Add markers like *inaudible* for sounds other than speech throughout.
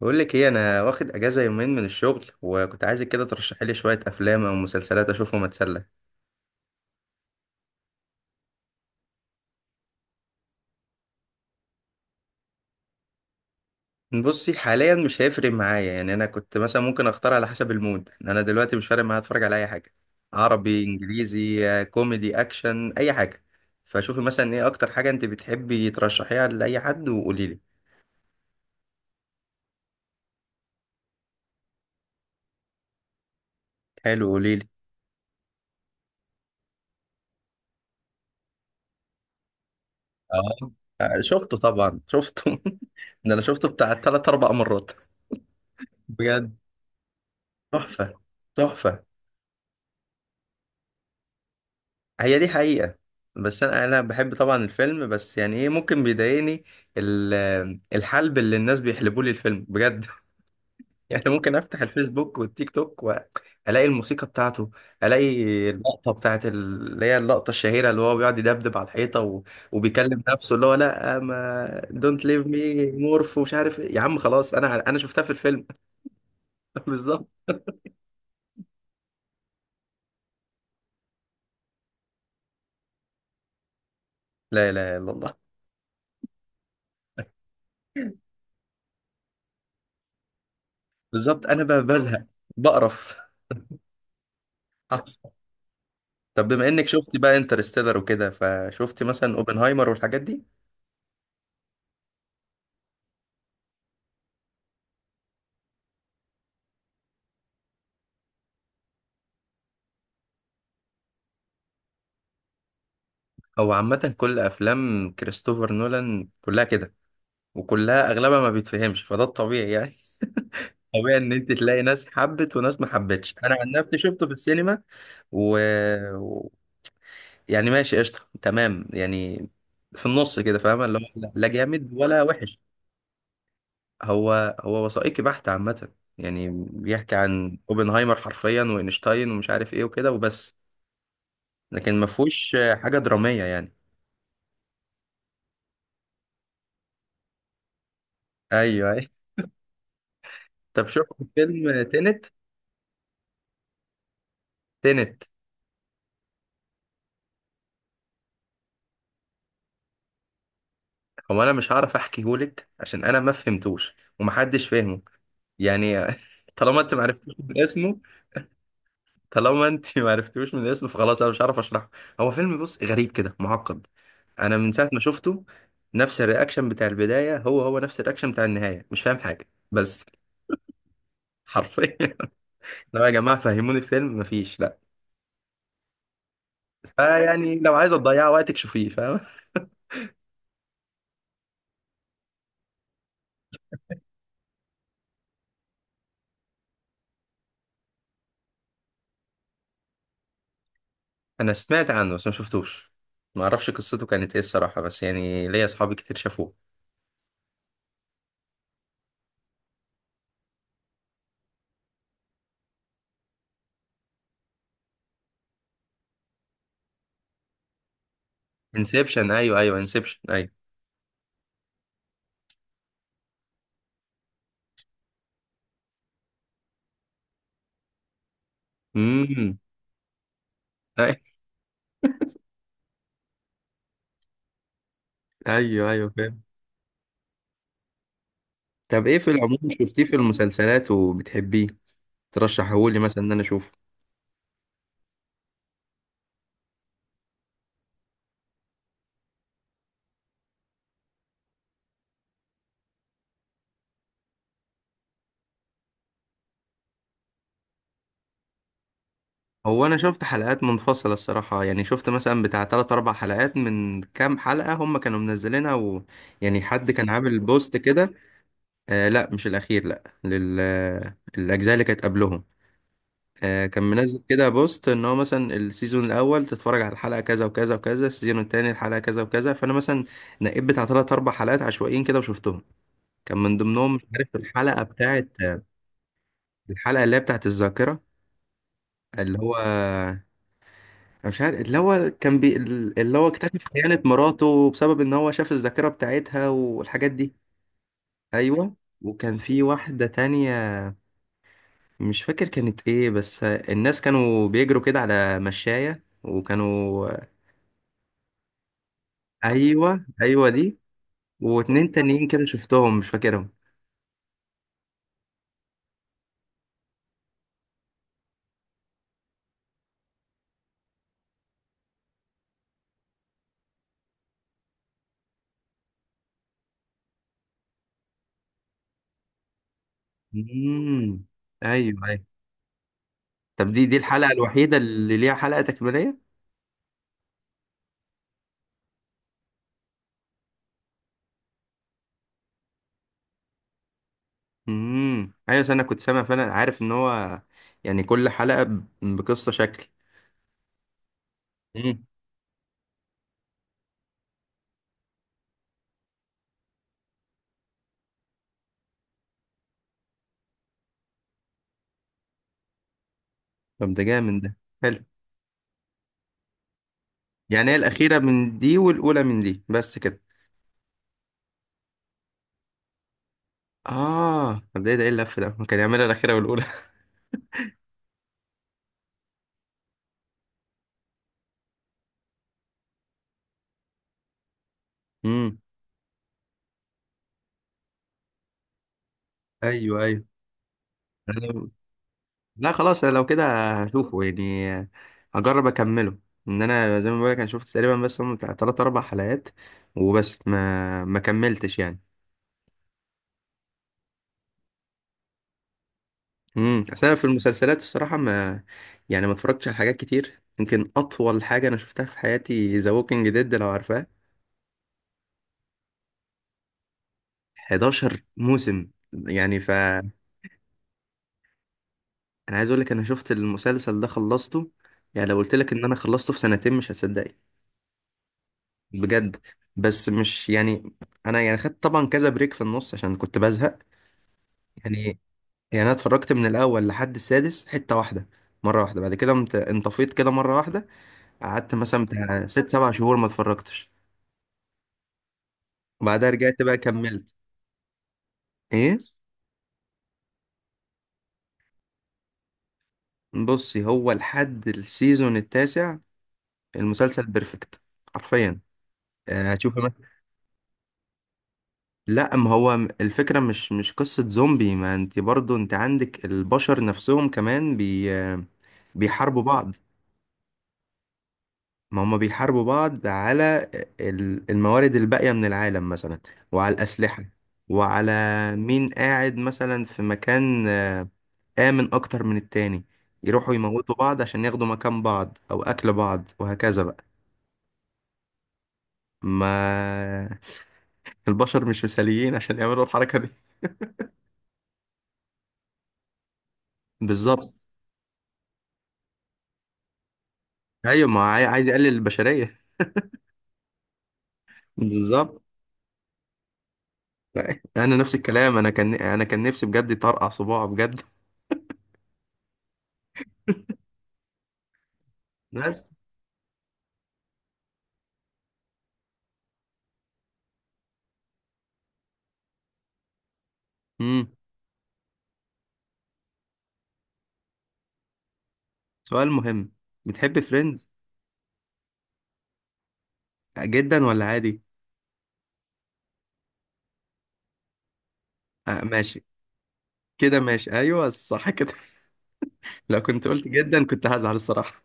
بقول لك ايه، انا واخد اجازه يومين من الشغل وكنت عايزك كده ترشحي لي شويه افلام او مسلسلات اشوفهم اتسلى. بصي، حاليا مش هيفرق معايا. يعني انا كنت مثلا ممكن اختار على حسب المود. يعني انا دلوقتي مش فارق معايا اتفرج على اي حاجه، عربي انجليزي كوميدي اكشن اي حاجه. فشوفي مثلا ايه اكتر حاجه انت بتحبي ترشحيها لاي حد وقولي لي. حلو، قولي لي. اه، شفته طبعا شفته. *laughs* ده انا شفته بتاع تلات اربع مرات. بجد تحفه، تحفه. هي دي حقيقة. بس انا بحب طبعا الفيلم، بس يعني ايه ممكن بيضايقني. ال- الحلب اللي الناس بيحلبوه لي الفيلم، بجد. *laughs* يعني ممكن افتح الفيسبوك والتيك توك والاقي الموسيقى بتاعته، الاقي اللقطة بتاعت اللي هي اللقطة الشهيرة، اللي هو بيقعد يدبدب على الحيطة وبيكلم نفسه، اللي هو لا ما دونت ليف مي مورف ومش عارف إيه. يا عم خلاص، انا شفتها في الفيلم. *laughs* بالظبط. لا اله الا الله. بالظبط، انا بزهق، بقرف. *laughs* طب بما انك شفتي بقى انترستيلر وكده، فشفتي مثلا اوبنهايمر والحاجات دي؟ هو عامة كل افلام كريستوفر نولان كلها كده، وكلها اغلبها ما بيتفهمش، فده الطبيعي يعني. *laughs* طبيعي ان انت تلاقي ناس حبت وناس ما حبتش. انا عن نفسي شفته في السينما و... و... يعني ماشي قشطة تمام يعني، في النص كده، فاهمة؟ اللي هو لا لا جامد ولا وحش. هو هو وثائقي بحت عامة، يعني بيحكي عن اوبنهايمر حرفيا واينشتاين ومش عارف ايه وكده وبس، لكن ما فيهوش حاجة درامية يعني. ايوه، ايوه. طب شفت فيلم تينت؟ تينت. هو انا مش هعرف احكيهولك عشان انا ما فهمتوش ومحدش فهمه، يعني. *laughs* طالما انت ما عرفتوش من اسمه طالما انت ما عرفتوش من اسمه فخلاص، انا مش هعرف اشرحه. هو فيلم، بص، غريب كده، معقد. انا من ساعة ما شفته، نفس الرياكشن بتاع البداية هو هو نفس الرياكشن بتاع النهاية، مش فاهم حاجة بس. حرفيا. *laughs* لو يا جماعة فهموني الفيلم. مفيش، لا. فيعني لو عايزة تضيع وقتك شوفيه، فاهم؟ انا سمعت عنه بس ما شفتوش. ما اعرفش قصته كانت ايه الصراحه، بس يعني ليا اصحابي كتير شافوه. انسبشن، ايوه ايوه، انسبشن، ايوه. امم أي- *laughs* ايوه ايوه، فاهم. طب ايه في العموم شفتيه في المسلسلات وبتحبيه ترشحه لي مثلا ان انا اشوفه؟ هو انا شفت حلقات منفصله الصراحه، يعني شفت مثلا بتاع 3 4 حلقات من كام حلقه هم كانوا منزلينها يعني حد كان عامل بوست كده. آه لا، مش الاخير، لا لل... الاجزاء اللي كانت قبلهم. كان منزل كده بوست ان هو مثلا السيزون الاول تتفرج على الحلقه كذا وكذا وكذا، السيزون التاني الحلقه كذا وكذا، فانا مثلا نقيت بتاع ثلاث اربع حلقات عشوائيين كده وشفتهم. كان من ضمنهم، مش عارف، الحلقه اللي هي بتاعت الذاكره، اللي هو، انا مش عارف، اللي هو اكتشف خيانه مراته بسبب ان هو شاف الذاكره بتاعتها والحاجات دي. ايوه. وكان في واحده تانية، مش فاكر كانت ايه، بس الناس كانوا بيجروا كده على مشاية وكانوا... ايوه ايوه، دي. واتنين تانيين كده شفتهم مش فاكرهم. امم ايوه ايوه. طب دي الحلقه الوحيده اللي ليها حلقه تكميليه؟ ايوه، أصل انا كنت سامع، فانا عارف ان هو يعني كل حلقه بقصه شكل. امم طب ده جامد ده، حلو. يعني هي الاخيره من دي والاولى من دي بس كده؟ اه طب ده ايه اللف ده، كان يعملها الاخيره والاولى. *laughs* امم ايوه ايوه. لا خلاص، انا لو كده هشوفه يعني، هجرب اكمله. ان انا زي ما بقولك، انا شفت تقريبا بس هم بتاع تلات اربع حلقات وبس، ما كملتش يعني. اصل انا في المسلسلات الصراحه، ما يعني ما اتفرجتش على حاجات كتير. يمكن اطول حاجه انا شفتها في حياتي ذا ووكينج ديد، لو عارفاه. 11 موسم يعني، انا عايز اقول لك، انا شفت المسلسل ده خلصته. يعني لو قلت لك ان انا خلصته في سنتين مش هتصدق. بجد. بس مش يعني، انا يعني خدت طبعا كذا بريك في النص عشان كنت بزهق، يعني. يعني انا اتفرجت من الاول لحد السادس حتة واحدة، مرة واحدة. بعد كده قمت انطفيت كده مرة واحدة، قعدت مثلا بتاع ست سبع شهور ما اتفرجتش، وبعدها رجعت بقى كملت. ايه؟ بصي، هو لحد السيزون التاسع المسلسل بيرفكت، حرفيا. هتشوفي مثلا... لا، ما هو الفكرة مش قصة زومبي. ما انت برضو انت عندك البشر نفسهم كمان بي آه، بيحاربوا بعض. ما هم بيحاربوا بعض على الموارد الباقية من العالم مثلا، وعلى الأسلحة، وعلى مين قاعد مثلا في مكان آمن أكتر من التاني. يروحوا يموتوا بعض عشان ياخدوا مكان بعض أو أكل بعض، وهكذا بقى. ما *laughs* البشر مش مثاليين عشان يعملوا الحركة دي. بالظبط. أيوة، ما عاي- عايز يقلل البشرية. *laughs* بالظبط. أنا نفس الكلام، أنا كان، أنا كان نفسي بجد يطرقع صباعه، بجد. بس. مم. سؤال مهم، بتحب فريندز جدا ولا عادي؟ آه، ماشي، كده ماشي، ايوه صح كده. *laughs* لو كنت قلت جدا كنت هزعل الصراحه.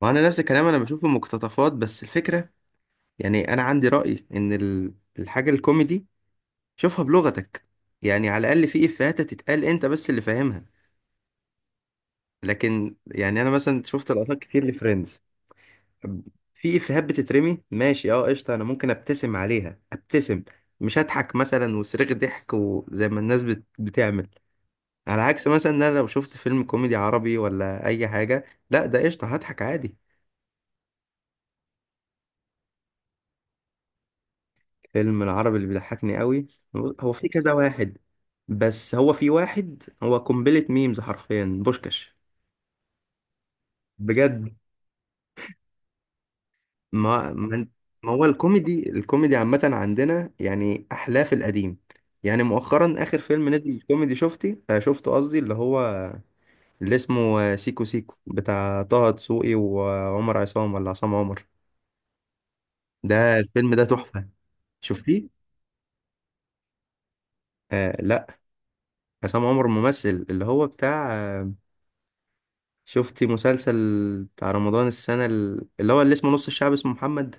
وانا نفس الكلام، انا بشوف المقتطفات، بس الفكره، يعني انا عندي راي ان الحاجه الكوميدي شوفها بلغتك. يعني على الاقل في افيهات تتقال انت بس اللي فاهمها. لكن يعني انا مثلا شفت لقطات كتير لفريندز، في افيهات بتترمي ماشي، اه قشطه، انا ممكن ابتسم عليها، ابتسم، مش هضحك مثلا وصريخ ضحك وزي ما الناس بتعمل. على عكس مثلا ان انا لو شفت فيلم كوميدي عربي ولا اي حاجه، لا ده قشطه هضحك عادي. فيلم العربي اللي بيضحكني قوي، هو في كذا واحد، بس هو في واحد هو قنبله ميمز حرفيا، بوشكاش. بجد. ما ما ما هو الكوميدي، عامه عندنا يعني احلاه في القديم. يعني مؤخرا، اخر فيلم نزل كوميدي شفتي، شفته قصدي، اللي هو اللي اسمه سيكو سيكو، بتاع طه دسوقي وعمر عصام ولا عصام عمر، ده الفيلم ده تحفه. شفتيه؟ آه لا، عصام عمر ممثل، اللي هو بتاع شفتي مسلسل بتاع رمضان السنة اللي هو اللي اسمه نص الشعب اسمه محمد؟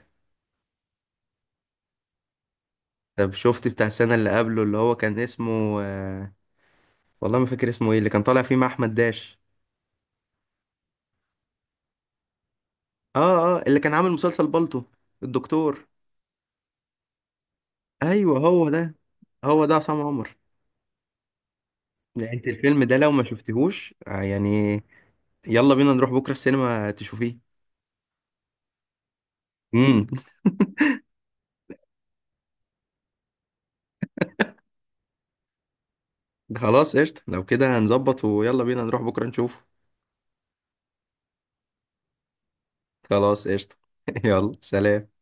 طب شفتي بتاع السنة اللي قبله اللي هو كان اسمه والله ما فاكر اسمه ايه، اللي كان طالع فيه مع أحمد داش. اه اه، اللي كان عامل مسلسل بالطو، الدكتور. ايوه هو ده. هو ده عصام عمر. لا انت الفيلم ده لو ما شفتهوش يعني، يلا بينا نروح بكرة السينما تشوفيه. امم *laughs* خلاص قشطة، لو كده هنظبط، ويلا بينا نروح بكرة نشوف. خلاص قشطة. *laughs* يلا، سلام.